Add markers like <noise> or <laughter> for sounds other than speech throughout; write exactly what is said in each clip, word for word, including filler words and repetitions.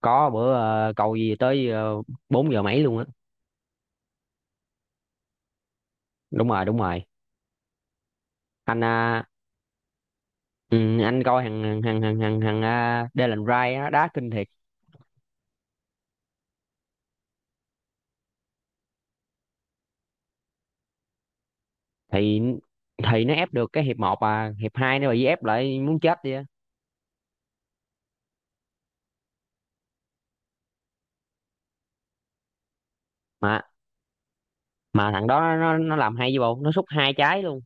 Có bữa ờ, cầu gì tới uh, bốn giờ mấy luôn á. Đúng rồi, đúng rồi. Anh à, ừ, anh coi thằng thằng thằng thằng thằng à, Dylan Wright á, đá kinh thiệt. Thì thì nó ép được cái hiệp một, à hiệp hai nó bị ép lại muốn chết đi á. Mà mà thằng đó nó nó làm hay, với bộ nó sút hai trái luôn.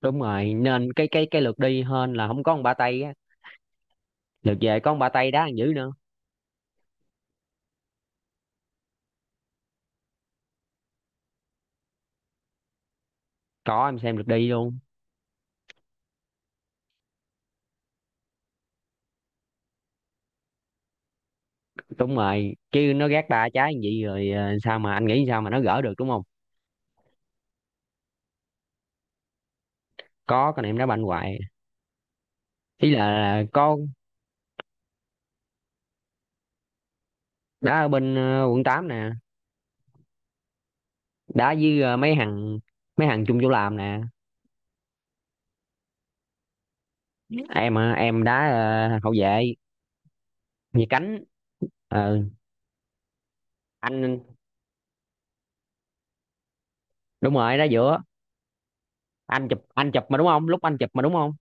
Đúng rồi, nên cái cái cái lượt đi hên là không có một ba tay á, lượt về có một ba tay đá thằng dữ nữa. Có em xem lượt đi luôn. Đúng rồi chứ, nó gác ba trái như vậy rồi, ờ, sao mà anh nghĩ sao mà nó gỡ được, đúng không? Có, con em đá banh hoài. Ý là, con đá ở bên ờ, quận tám nè. Đá với ờ, mấy thằng, mấy thằng chung chỗ làm nè. Em ờ, em đá ờ, hậu vệ về cánh. Ờ, anh. Đúng rồi, đá giữa. Anh chụp anh chụp mà đúng không, lúc anh chụp mà đúng không?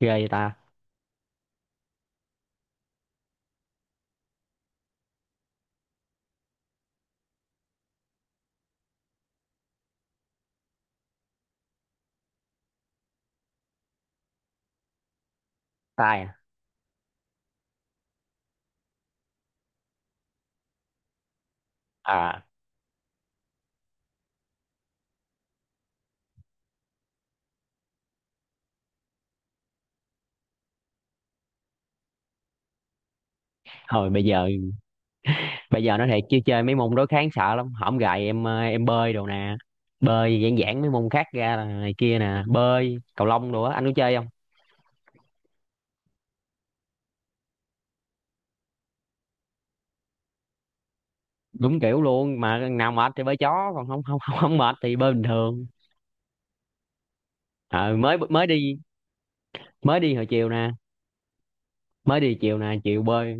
Ghê vậy ta. Tài à. À, thôi bây giờ, bây giờ nói thiệt chứ chơi mấy môn đối kháng sợ lắm, hổm gài em ờ, em bơi đồ nè. Bơi giản giản mấy môn khác ra là này kia nè, bơi cầu lông đồ á anh có chơi không? Đúng kiểu luôn, mà nào mệt thì bơi chó, còn không không không, không mệt thì bơi bình thường. Ờ mới mới đi, mới đi hồi chiều nè, mới đi chiều nè, chiều bơi.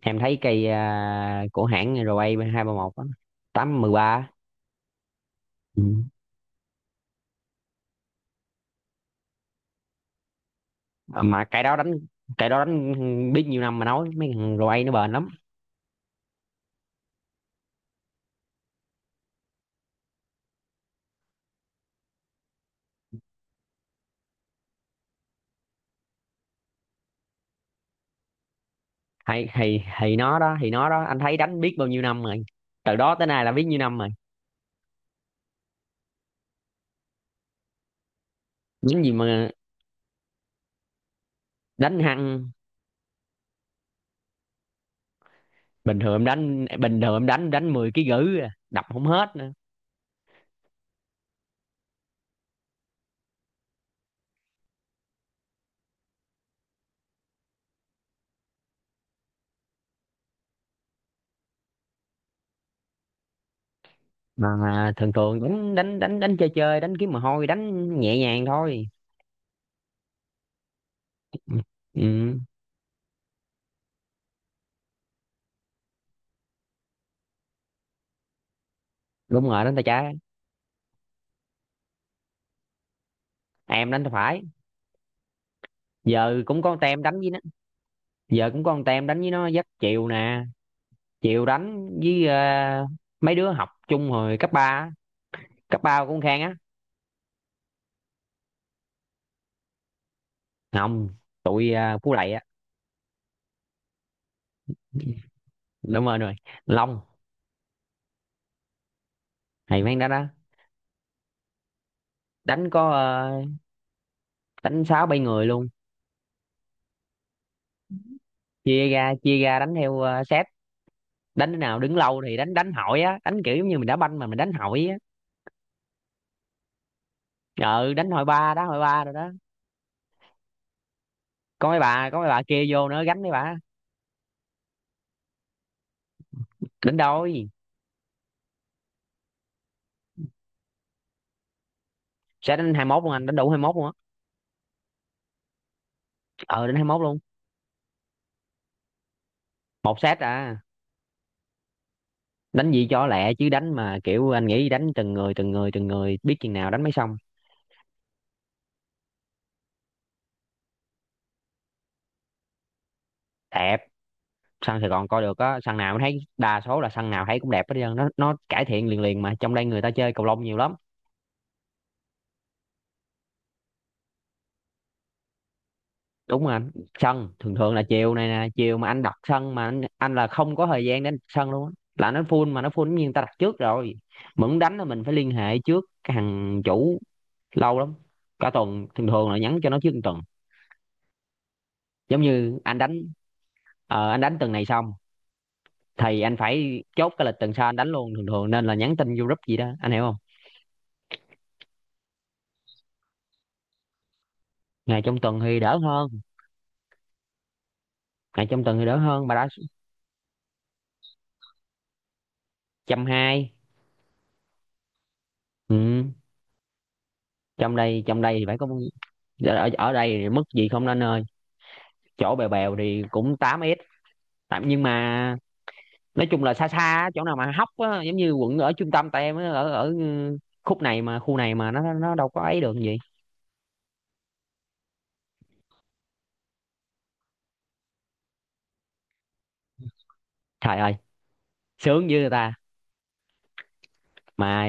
Em thấy cây à, của hãng rờ a hai ba một tám mười ba. Ừ. Mà cây đó đánh, cây đó đánh biết nhiêu năm mà, nói mấy thằng rờ a nó bền lắm. Hay, thì thì nó đó, thì nó đó, anh thấy đánh biết bao nhiêu năm rồi, từ đó tới nay là biết nhiêu năm rồi. Những gì mà đánh hăng. Bình thường em đánh, bình thường em đánh đánh mười ký gữ à, đập không hết nữa. Mà mà thường thường đánh đánh đánh đánh chơi chơi đánh kiếm mồ hôi, đánh nhẹ nhàng thôi. Ừ. Ừ. Đúng rồi, đánh tay trái. Em đánh tay phải. Giờ cũng có con tem đánh với nó, giờ cũng có con tem đánh với nó dắt chiều nè, chiều đánh với ờ, mấy đứa học chung hồi cấp ba á, cấp ba cũng khang á. Không, tụi ờ, Phú Lệ á. Đúng rồi, đúng rồi, Long. Hay mấy anh đó đó. Đánh có ờ, đánh sáu bảy người luôn. Chia ra, chia ra đánh theo ờ, set, đánh cái nào đứng lâu thì đánh, đánh hỏi á, đánh kiểu giống như mình đá banh mà mình đánh hỏi á. Ờ đánh hỏi ba, đá hỏi ba rồi đó. Có mấy bà, có mấy bà kia vô nữa, gánh mấy bà. Đánh đôi. Sát đến hai mươi mốt luôn, anh đánh đủ hai mươi mốt luôn á, ờ đến hai mươi mốt luôn. Một sát à. Đánh gì cho lẹ chứ, đánh mà kiểu anh nghĩ đánh từng người, từng người, từng người biết chừng nào đánh mới xong. Đẹp. Sân Sài Gòn coi được á, sân nào thấy, đa số là sân nào thấy cũng đẹp hết trơn, nó nó cải thiện liền liền mà, trong đây người ta chơi cầu lông nhiều lắm. Đúng rồi anh. Sân thường thường là chiều này nè, chiều mà anh đặt sân mà anh, anh là không có thời gian để anh đặt sân luôn á. Là nó full, mà nó full giống như người ta đặt trước rồi. Mà muốn đánh là mình phải liên hệ trước cái thằng chủ, lâu lắm, cả tuần, thường thường là nhắn cho nó trước một tuần. Giống như anh đánh, ờ, anh đánh tuần này xong thì anh phải chốt cái lịch tuần sau anh đánh luôn, thường thường, nên là nhắn tin vô group gì đó, anh hiểu không? Ngày trong tuần thì đỡ hơn, ngày trong tuần thì đỡ hơn mà đã. Trăm hai. Ừ. Trong đây, trong đây thì phải có, ở, ở đây thì mức gì không nên ơi. Chỗ bèo bèo thì cũng tám s tạm, nhưng mà nói chung là xa xa á, chỗ nào mà hóc á, giống như quận ở trung tâm tại em á, ở ở ừ, khúc này mà, khu này mà nó nó đâu có ấy được gì. Trời ơi, sướng với người ta. mà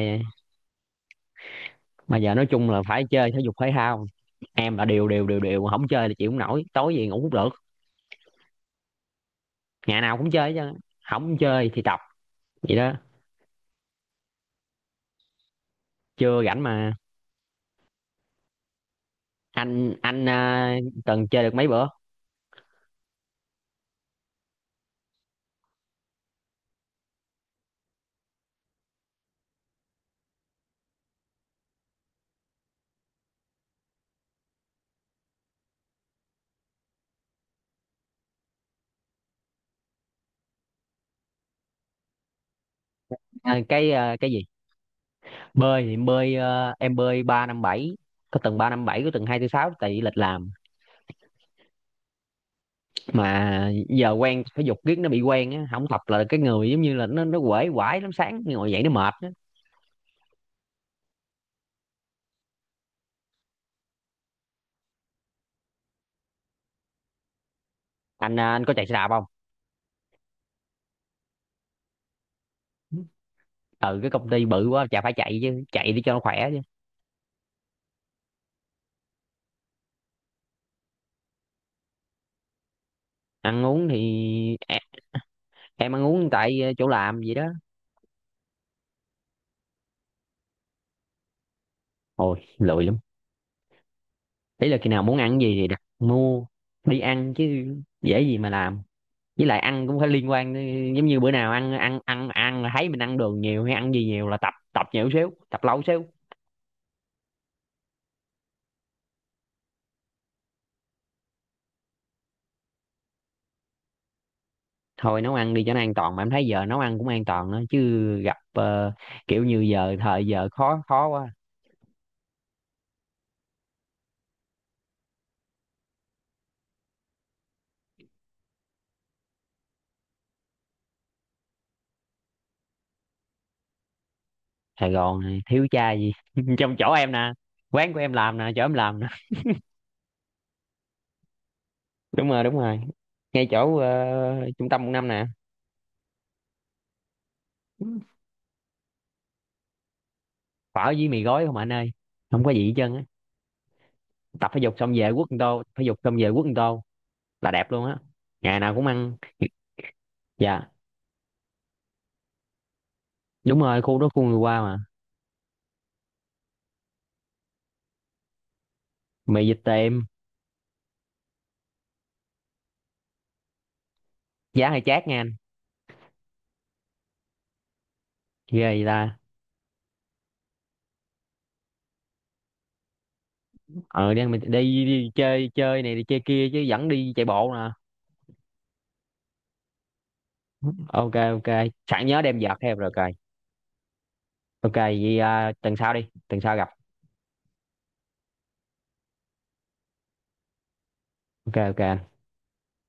mà giờ nói chung là phải chơi thể dục thể thao, em là đều đều đều đều không chơi là chịu không nổi, tối về ngủ cũng được. Ngày nào cũng chơi chứ, không chơi thì tập. Vậy đó. Chưa rảnh mà. Anh anh à, từng chơi được mấy bữa. À, cái à, cái gì, bơi thì bơi à, em bơi ba năm bảy, có từng ba năm bảy, có từng hai tư sáu, tại vì lịch làm. Mà giờ quen thể dục riết nó bị quen á, không tập là cái người giống như là nó nó quể quải lắm, sáng ngồi dậy nó mệt á. Anh à, anh có chạy xe đạp không? Ừ cái công ty bự quá chả phải chạy chứ, chạy để cho nó khỏe chứ. Ăn uống thì em ăn uống tại ờ, chỗ làm gì đó. Ôi lười lắm, ý là khi nào muốn ăn gì thì đặt mua, đi ăn chứ, dễ gì mà làm, với lại ăn cũng phải liên quan đến- giống như bữa nào ăn ăn ăn ăn là thấy mình ăn đường nhiều hay ăn gì nhiều là tập, tập nhiều xíu, tập lâu xíu. Thôi nấu ăn đi cho nó an toàn, mà em thấy giờ nấu ăn cũng an toàn nữa chứ, gặp ờ, kiểu như giờ thời giờ khó khó quá. Sài Gòn này thiếu cha gì <laughs> trong chỗ em nè, quán của em làm nè, chỗ em làm nè. Đúng rồi, đúng rồi, ngay chỗ ờ, trung tâm quận năm nè. Phở với mì gói không anh ơi, không có gì hết trơn á, tập thể dục xong về quất một tô, thể dục xong về quất một tô, là đẹp luôn á. Ngày nào cũng ăn. Dạ. Đúng rồi, khu đó khu người qua mà. Mì vịt tiệm. Giá hơi chát nha anh. Ghê vậy ta. Ờ đi, ăn đi, đi chơi chơi này đi chơi kia chứ, vẫn đi chạy bộ nè. OK, OK sẵn nhớ đem vợt theo rồi coi. OK vậy à, tuần sau đi, tuần sau gặp. OK, OK anh.